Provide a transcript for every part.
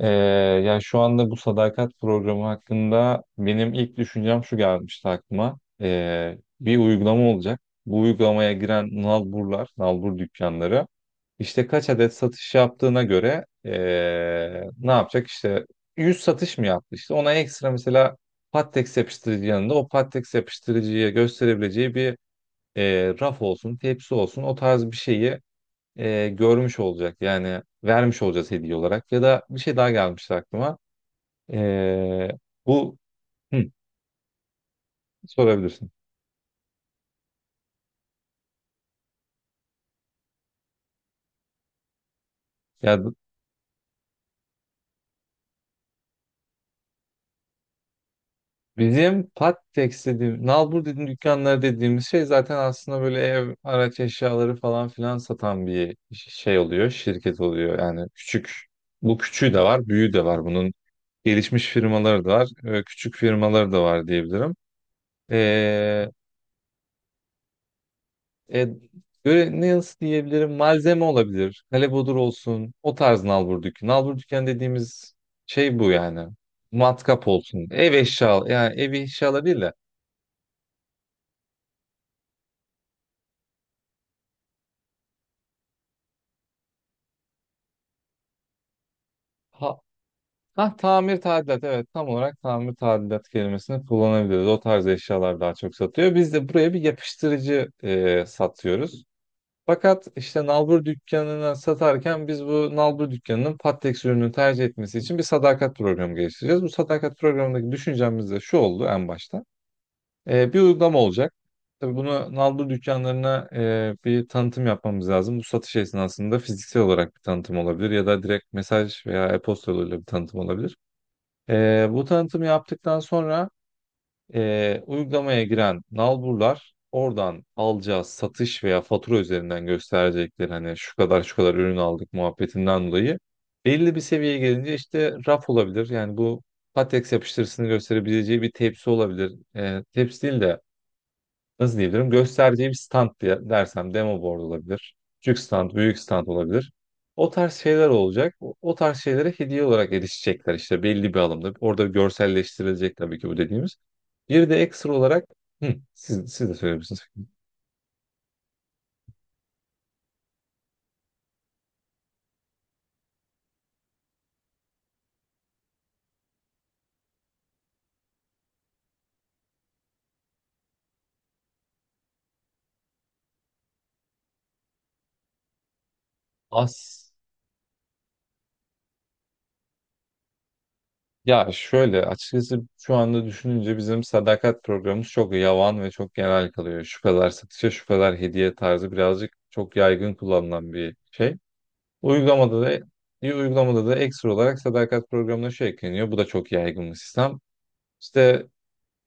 Ee, ya şu anda bu sadakat programı hakkında benim ilk düşüncem şu gelmişti aklıma. Bir uygulama olacak. Bu uygulamaya giren nalburlar, nalbur dükkanları işte kaç adet satış yaptığına göre ne yapacak? İşte 100 satış mı yaptı? İşte ona ekstra mesela Pattex yapıştırıcı yanında o Pattex yapıştırıcıya gösterebileceği bir raf olsun, tepsi olsun o tarz bir şeyi görmüş olacak, yani vermiş olacağız hediye olarak. Ya da bir şey daha gelmişti aklıma. E, bu hı, sorabilirsin. Ya bu- Bizim pat dediğim, nalbur dediğim dükkanlar dediğimiz şey zaten aslında böyle ev, araç eşyaları falan filan satan bir şey oluyor, şirket oluyor. Yani küçük, bu küçüğü de var, büyüğü de var. Bunun gelişmiş firmaları da var, küçük firmaları da var diyebilirim. E, Böyle ne, nasıl diyebilirim? Malzeme olabilir. Kalebodur olsun. O tarz nalbur dükü dediğimiz şey bu yani. Matkap olsun. Ev eşya. Yani ev eşyaları değil de. Ha, ha, tamir tadilat. Evet, tam olarak tamir tadilat kelimesini kullanabiliriz. O tarz eşyalar daha çok satıyor. Biz de buraya bir yapıştırıcı satıyoruz. Fakat işte nalbur dükkanına satarken biz bu nalbur dükkanının Pattex ürünü tercih etmesi için bir sadakat programı geliştireceğiz. Bu sadakat programındaki düşüncemiz de şu oldu en başta. Bir uygulama olacak. Tabii bunu nalbur dükkanlarına bir tanıtım yapmamız lazım. Bu satış esnasında fiziksel olarak bir tanıtım olabilir ya da direkt mesaj veya e-posta yoluyla bir tanıtım olabilir. Bu tanıtımı yaptıktan sonra uygulamaya giren nalburlar oradan alacağı satış veya fatura üzerinden gösterecekleri hani şu kadar şu kadar ürün aldık muhabbetinden dolayı belli bir seviyeye gelince işte raf olabilir. Yani bu latex yapıştırısını gösterebileceği bir tepsi olabilir. Tepsi değil de nasıl diyebilirim, göstereceği bir stand, diye dersem demo board olabilir. Küçük stand, büyük stand olabilir. O tarz şeyler olacak. O tarz şeylere hediye olarak erişecekler işte belli bir alımda. Orada görselleştirilecek tabii ki bu dediğimiz. Bir de ekstra olarak hı, siz de söyleyebilirsiniz. As Ya şöyle, açıkçası şu anda düşününce bizim sadakat programımız çok yavan ve çok genel kalıyor. Şu kadar satışa, şu kadar hediye tarzı birazcık çok yaygın kullanılan bir şey. Uygulamada da Bir uygulamada da ekstra olarak sadakat programına şu ekleniyor. Bu da çok yaygın bir sistem. İşte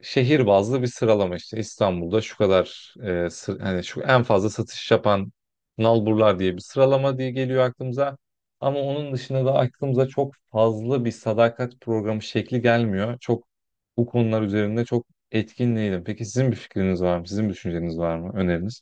şehir bazlı bir sıralama, işte İstanbul'da şu kadar hani şu en fazla satış yapan nalburlar diye bir sıralama diye geliyor aklımıza. Ama onun dışında da aklımıza çok fazla bir sadakat programı şekli gelmiyor. Çok bu konular üzerinde çok etkin değilim. Peki sizin bir fikriniz var mı? Sizin bir düşünceniz var mı? Öneriniz?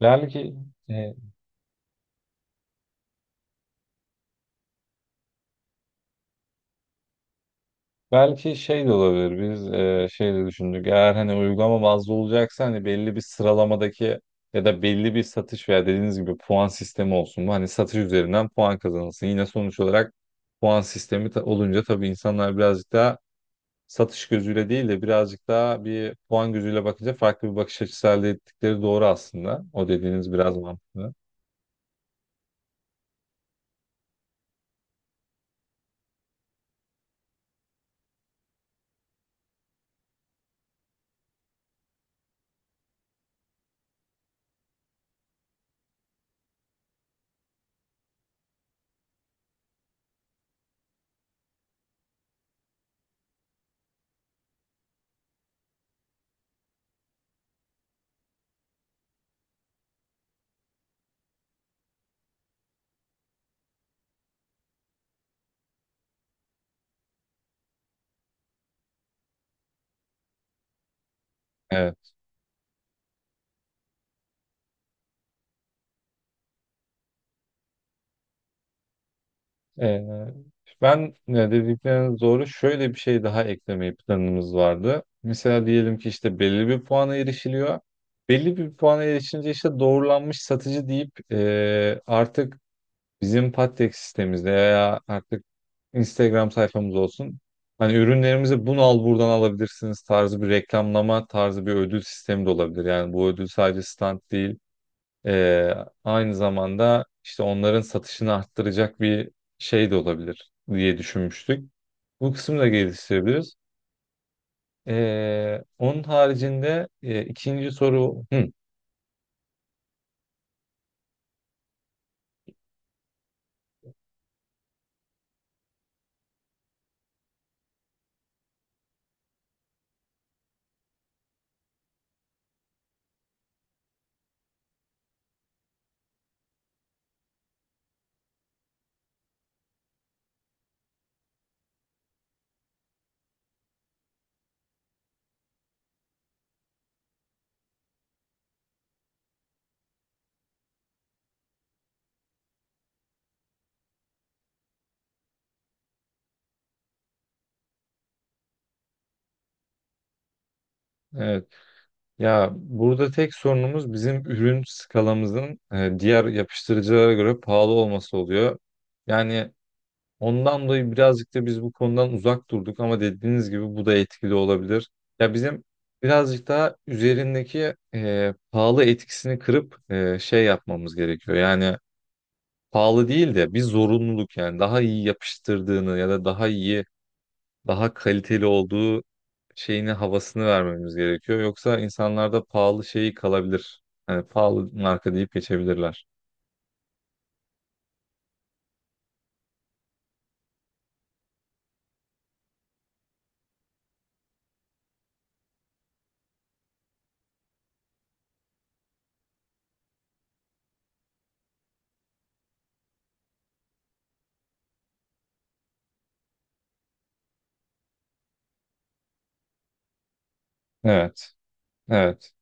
Yani ki Belki şey de olabilir. Biz şey de düşündük. Eğer hani uygulama bazlı olacaksa hani belli bir sıralamadaki ya da belli bir satış veya dediğiniz gibi puan sistemi olsun. Bu, hani satış üzerinden puan kazanılsın. Yine sonuç olarak olunca tabii insanlar birazcık daha satış gözüyle değil de birazcık daha bir puan gözüyle bakınca farklı bir bakış açısı elde ettikleri doğru aslında. O dediğiniz biraz mantıklı. Evet. Ee, ben dedikleriniz doğru. Şöyle bir şey daha eklemeyi planımız vardı. Mesela diyelim ki işte belli bir puana erişiliyor. Belli bir puana erişince işte doğrulanmış satıcı deyip artık bizim Patek sistemimizde veya artık Instagram sayfamız olsun. Hani ürünlerimizi, bunu al buradan alabilirsiniz tarzı bir reklamlama tarzı bir ödül sistemi de olabilir. Yani bu ödül sadece stand değil. Ee, Aynı zamanda işte onların satışını arttıracak bir şey de olabilir diye düşünmüştük. Bu kısmı da geliştirebiliriz. Onun haricinde ikinci soru, hı, evet. Ya burada tek sorunumuz bizim ürün skalamızın diğer yapıştırıcılara göre pahalı olması oluyor. Yani ondan dolayı birazcık da biz bu konudan uzak durduk, ama dediğiniz gibi bu da etkili olabilir. Ya bizim birazcık daha üzerindeki pahalı etkisini kırıp şey yapmamız gerekiyor. Yani pahalı değil de bir zorunluluk, yani daha iyi yapıştırdığını ya da daha iyi, daha kaliteli olduğu şeyini, havasını vermemiz gerekiyor. Yoksa insanlarda pahalı şeyi kalabilir. Yani pahalı marka deyip geçebilirler. Evet. Evet.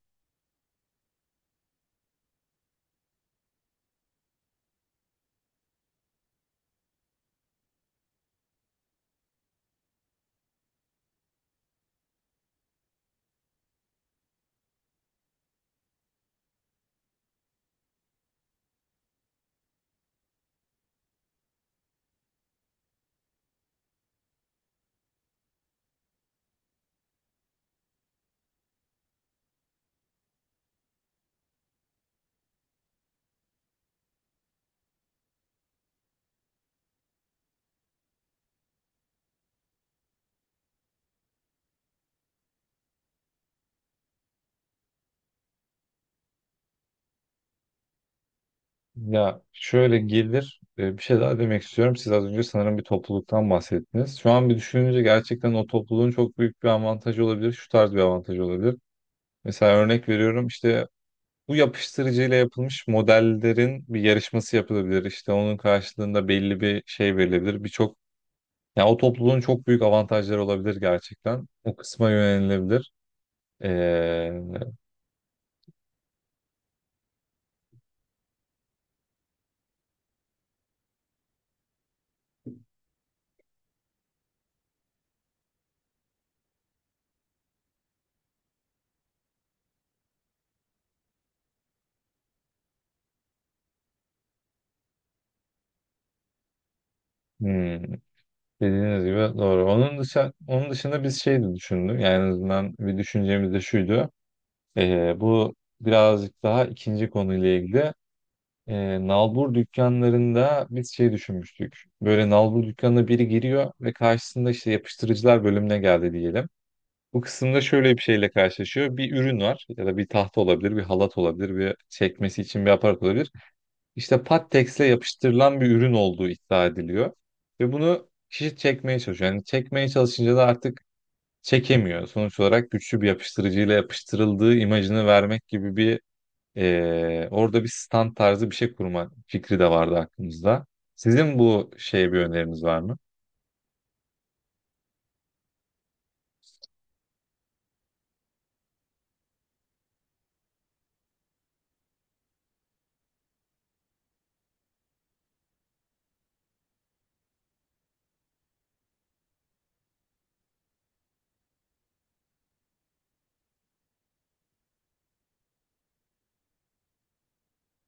Ya şöyle gelir, bir şey daha demek istiyorum. Siz az önce sanırım bir topluluktan bahsettiniz. Şu an bir düşününce gerçekten o topluluğun çok büyük bir avantajı olabilir. Şu tarz bir avantajı olabilir. Mesela örnek veriyorum, işte bu yapıştırıcıyla yapılmış modellerin bir yarışması yapılabilir. İşte onun karşılığında belli bir şey verilebilir. Birçok, yani o topluluğun çok büyük avantajları olabilir gerçekten. O kısma yönelilebilir. Hmm, dediğiniz gibi doğru. Onun dışında, onun dışında biz şey de düşündük. Yani en azından bir düşüncemiz de şuydu. Bu Birazcık daha ikinci konuyla ilgili. Nalbur dükkanlarında biz şey düşünmüştük. Böyle nalbur dükkanına biri giriyor ve karşısında işte yapıştırıcılar bölümüne geldi diyelim. Bu kısımda şöyle bir şeyle karşılaşıyor. Bir ürün var, ya da bir tahta olabilir, bir halat olabilir, bir çekmesi için bir aparat olabilir. İşte pattex'le yapıştırılan bir ürün olduğu iddia ediliyor. Ve bunu kişi çekmeye çalışıyor. Yani çekmeye çalışınca da artık çekemiyor. Sonuç olarak güçlü bir yapıştırıcıyla yapıştırıldığı imajını vermek gibi bir orada bir stand tarzı bir şey kurma fikri de vardı aklımızda. Sizin bu şeye bir öneriniz var mı?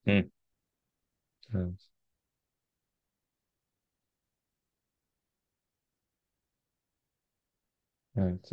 Hı. Evet. Evet.